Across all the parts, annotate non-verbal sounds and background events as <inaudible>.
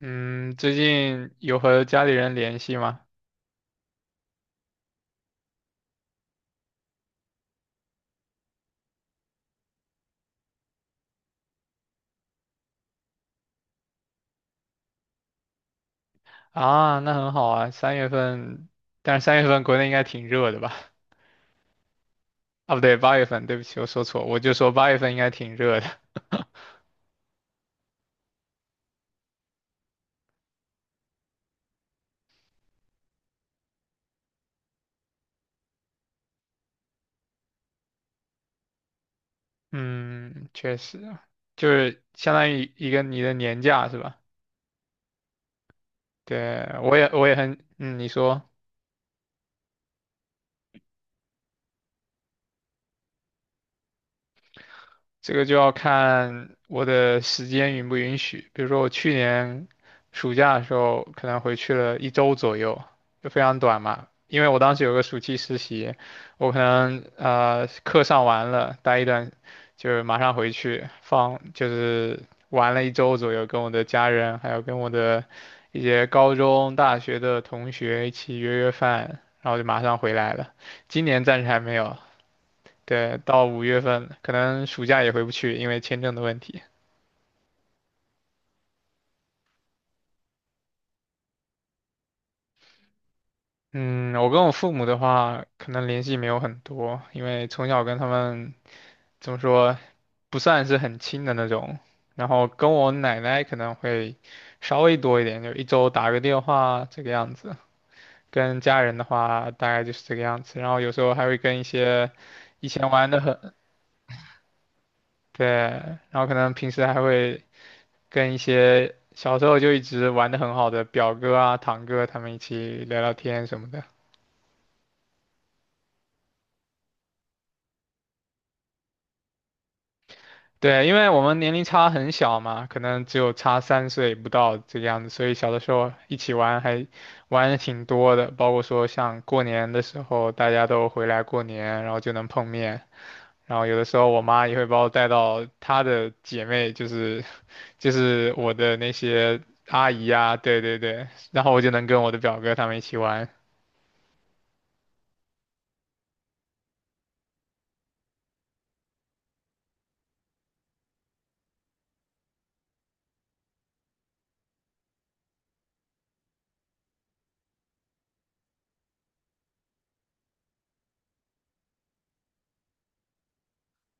嗯，最近有和家里人联系吗？啊，那很好啊，三月份，但是三月份国内应该挺热的吧？啊，不对，八月份，对不起，我说错，我就说八月份应该挺热的。<laughs> 嗯，确实，就是相当于一个你的年假是吧？对，我也很，嗯，你说。这个就要看我的时间允不允许。比如说我去年暑假的时候，可能回去了一周左右，就非常短嘛。因为我当时有个暑期实习，我可能课上完了，待一段就是马上回去放，就是玩了一周左右，跟我的家人还有跟我的一些高中、大学的同学一起约约饭，然后就马上回来了。今年暂时还没有，对，到5月份，可能暑假也回不去，因为签证的问题。嗯，我跟我父母的话，可能联系没有很多，因为从小跟他们怎么说，不算是很亲的那种。然后跟我奶奶可能会稍微多一点，就一周打个电话这个样子。跟家人的话，大概就是这个样子。然后有时候还会跟一些以前玩的很，对，然后可能平时还会跟一些小时候就一直玩的很好的表哥啊、堂哥他们一起聊聊天什么的。对，因为我们年龄差很小嘛，可能只有差3岁不到这个样子，所以小的时候一起玩还玩的挺多的，包括说像过年的时候大家都回来过年，然后就能碰面。然后有的时候我妈也会把我带到她的姐妹，就是就是我的那些阿姨啊，对对对，然后我就能跟我的表哥他们一起玩。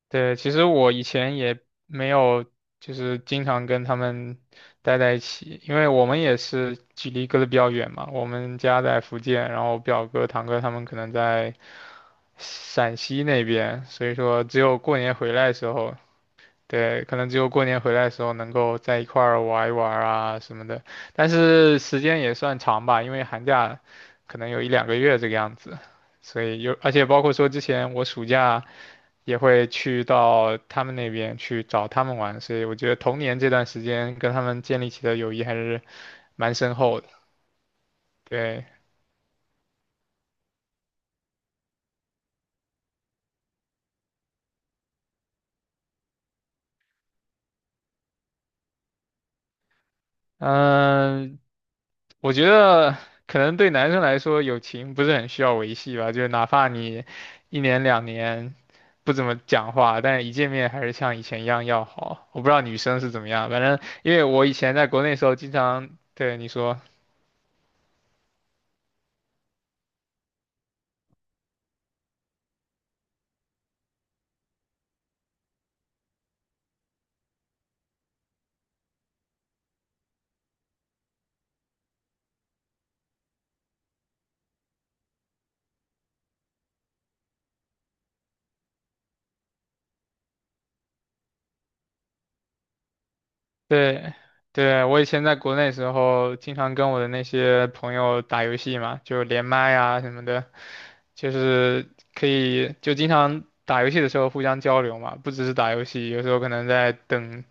对，其实我以前也没有，就是经常跟他们待在一起，因为我们也是距离隔得比较远嘛。我们家在福建，然后表哥、堂哥他们可能在陕西那边，所以说只有过年回来的时候，对，可能只有过年回来的时候能够在一块儿玩一玩啊什么的。但是时间也算长吧，因为寒假可能有一两个月这个样子，所以有，而且包括说之前我暑假。也会去到他们那边去找他们玩，所以我觉得童年这段时间跟他们建立起的友谊还是蛮深厚的。对，嗯，我觉得可能对男生来说，友情不是很需要维系吧，就是哪怕你一年两年不怎么讲话，但是一见面还是像以前一样要好。我不知道女生是怎么样，反正因为我以前在国内的时候，经常，对，你说。对，对，我以前在国内时候，经常跟我的那些朋友打游戏嘛，就连麦啊什么的，就是可以就经常打游戏的时候互相交流嘛，不只是打游戏，有时候可能在等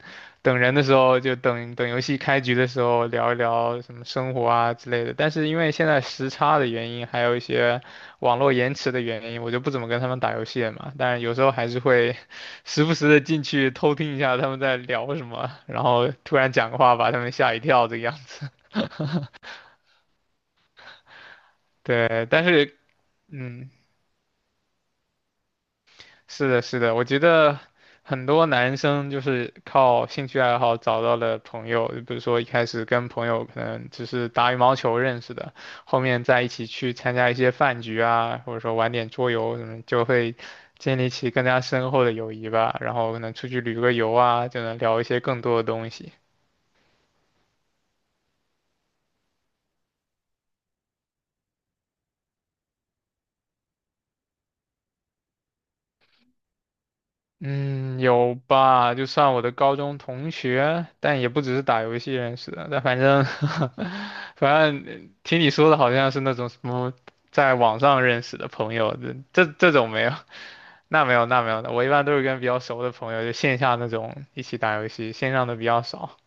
等人的时候，就等等游戏开局的时候聊一聊什么生活啊之类的。但是因为现在时差的原因，还有一些。网络延迟的原因，<laughs> 我就不怎么跟他们打游戏了嘛。但有时候还是会 <laughs> 时不时的进去偷听一下他们在聊什么，然后突然讲个话把他们吓一跳这个样子。<laughs> 对，但是嗯，是的，是的，我觉得很多男生就是靠兴趣爱好找到了朋友，比如说一开始跟朋友可能只是打羽毛球认识的，后面在一起去参加一些饭局啊，或者说玩点桌游什么，就会建立起更加深厚的友谊吧。然后可能出去旅个游啊，就能聊一些更多的东西。嗯，有吧，就算我的高中同学，但也不只是打游戏认识的。但反正，<laughs> 反正听你说的好像是那种什么在网上认识的朋友，这种没有，<laughs> 那没有的。我一般都是跟比较熟的朋友，就线下那种一起打游戏，线上的比较少。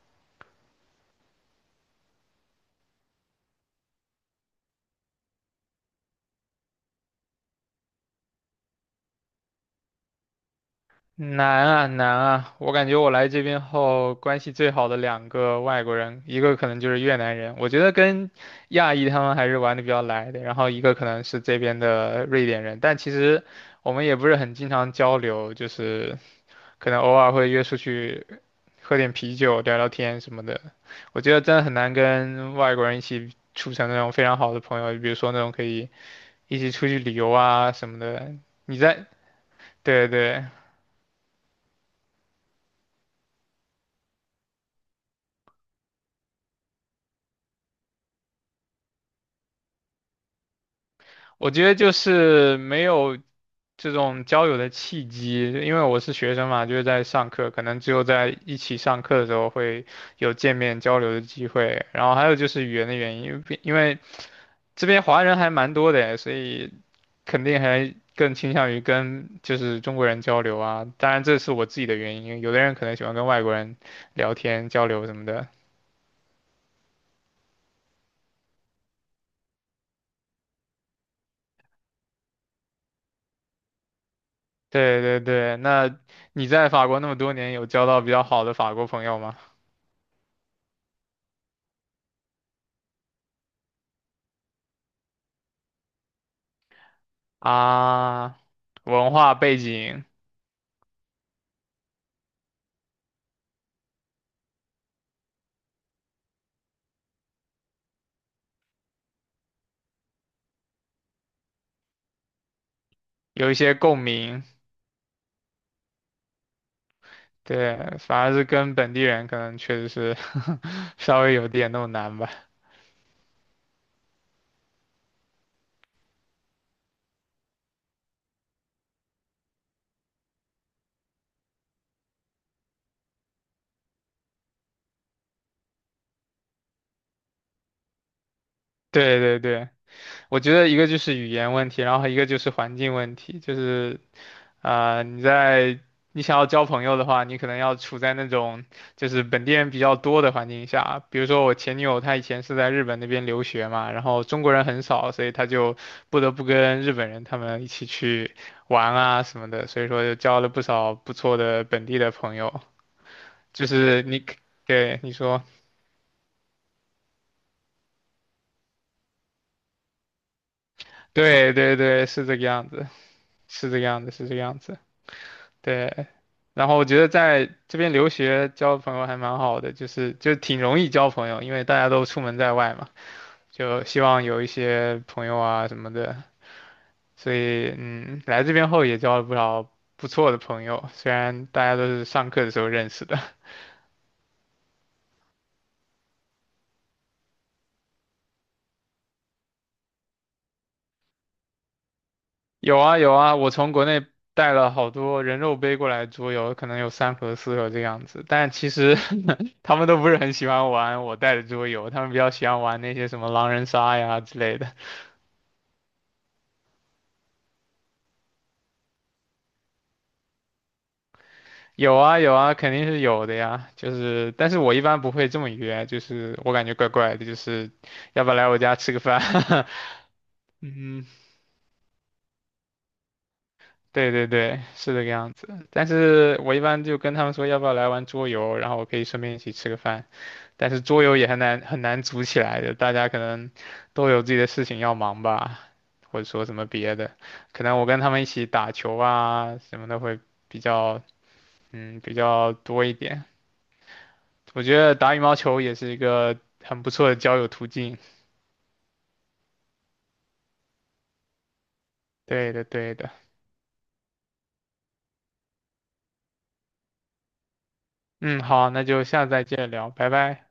难啊难啊！我感觉我来这边后，关系最好的2个外国人，一个可能就是越南人，我觉得跟亚裔他们还是玩的比较来的，然后一个可能是这边的瑞典人，但其实我们也不是很经常交流，就是可能偶尔会约出去喝点啤酒、聊聊天什么的。我觉得真的很难跟外国人一起处成那种非常好的朋友，比如说那种可以一起出去旅游啊什么的。你在，对对。我觉得就是没有这种交友的契机，因为我是学生嘛，就是在上课，可能只有在一起上课的时候会有见面交流的机会。然后还有就是语言的原因，因为这边华人还蛮多的，所以肯定还更倾向于跟就是中国人交流啊。当然这是我自己的原因，有的人可能喜欢跟外国人聊天交流什么的。对对对，那你在法国那么多年，有交到比较好的法国朋友吗？啊。文化背景有一些共鸣，对，反而是跟本地人可能确实是 <laughs> 稍微有点那么难吧。对对对，我觉得一个就是语言问题，然后一个就是环境问题，就是啊、你在你想要交朋友的话，你可能要处在那种就是本地人比较多的环境下。比如说我前女友，她以前是在日本那边留学嘛，然后中国人很少，所以她就不得不跟日本人他们一起去玩啊什么的，所以说就交了不少不错的本地的朋友。就是你对，你说，对对对，是这个样子，是这个样子，是这个样子。对，然后我觉得在这边留学交朋友还蛮好的，就是就挺容易交朋友，因为大家都出门在外嘛，就希望有一些朋友啊什么的，所以嗯，来这边后也交了不少不错的朋友，虽然大家都是上课的时候认识的。<laughs> 有啊有啊，我从国内带了好多人肉背过来桌游，可能有3盒4盒这样子，但其实 <laughs> 他们都不是很喜欢玩我带的桌游，他们比较喜欢玩那些什么狼人杀呀之类的。有啊有啊，肯定是有的呀。就是，但是我一般不会这么约，就是我感觉怪怪的，就是要不要来我家吃个饭？<laughs> 嗯，对对对，是这个样子。但是我一般就跟他们说要不要来玩桌游，然后我可以顺便一起吃个饭。但是桌游也很难很难组起来的，大家可能都有自己的事情要忙吧，或者说什么别的。可能我跟他们一起打球啊什么的会比较嗯比较多一点。我觉得打羽毛球也是一个很不错的交友途径。对的，对的。嗯，好，那就下次再见聊，拜拜。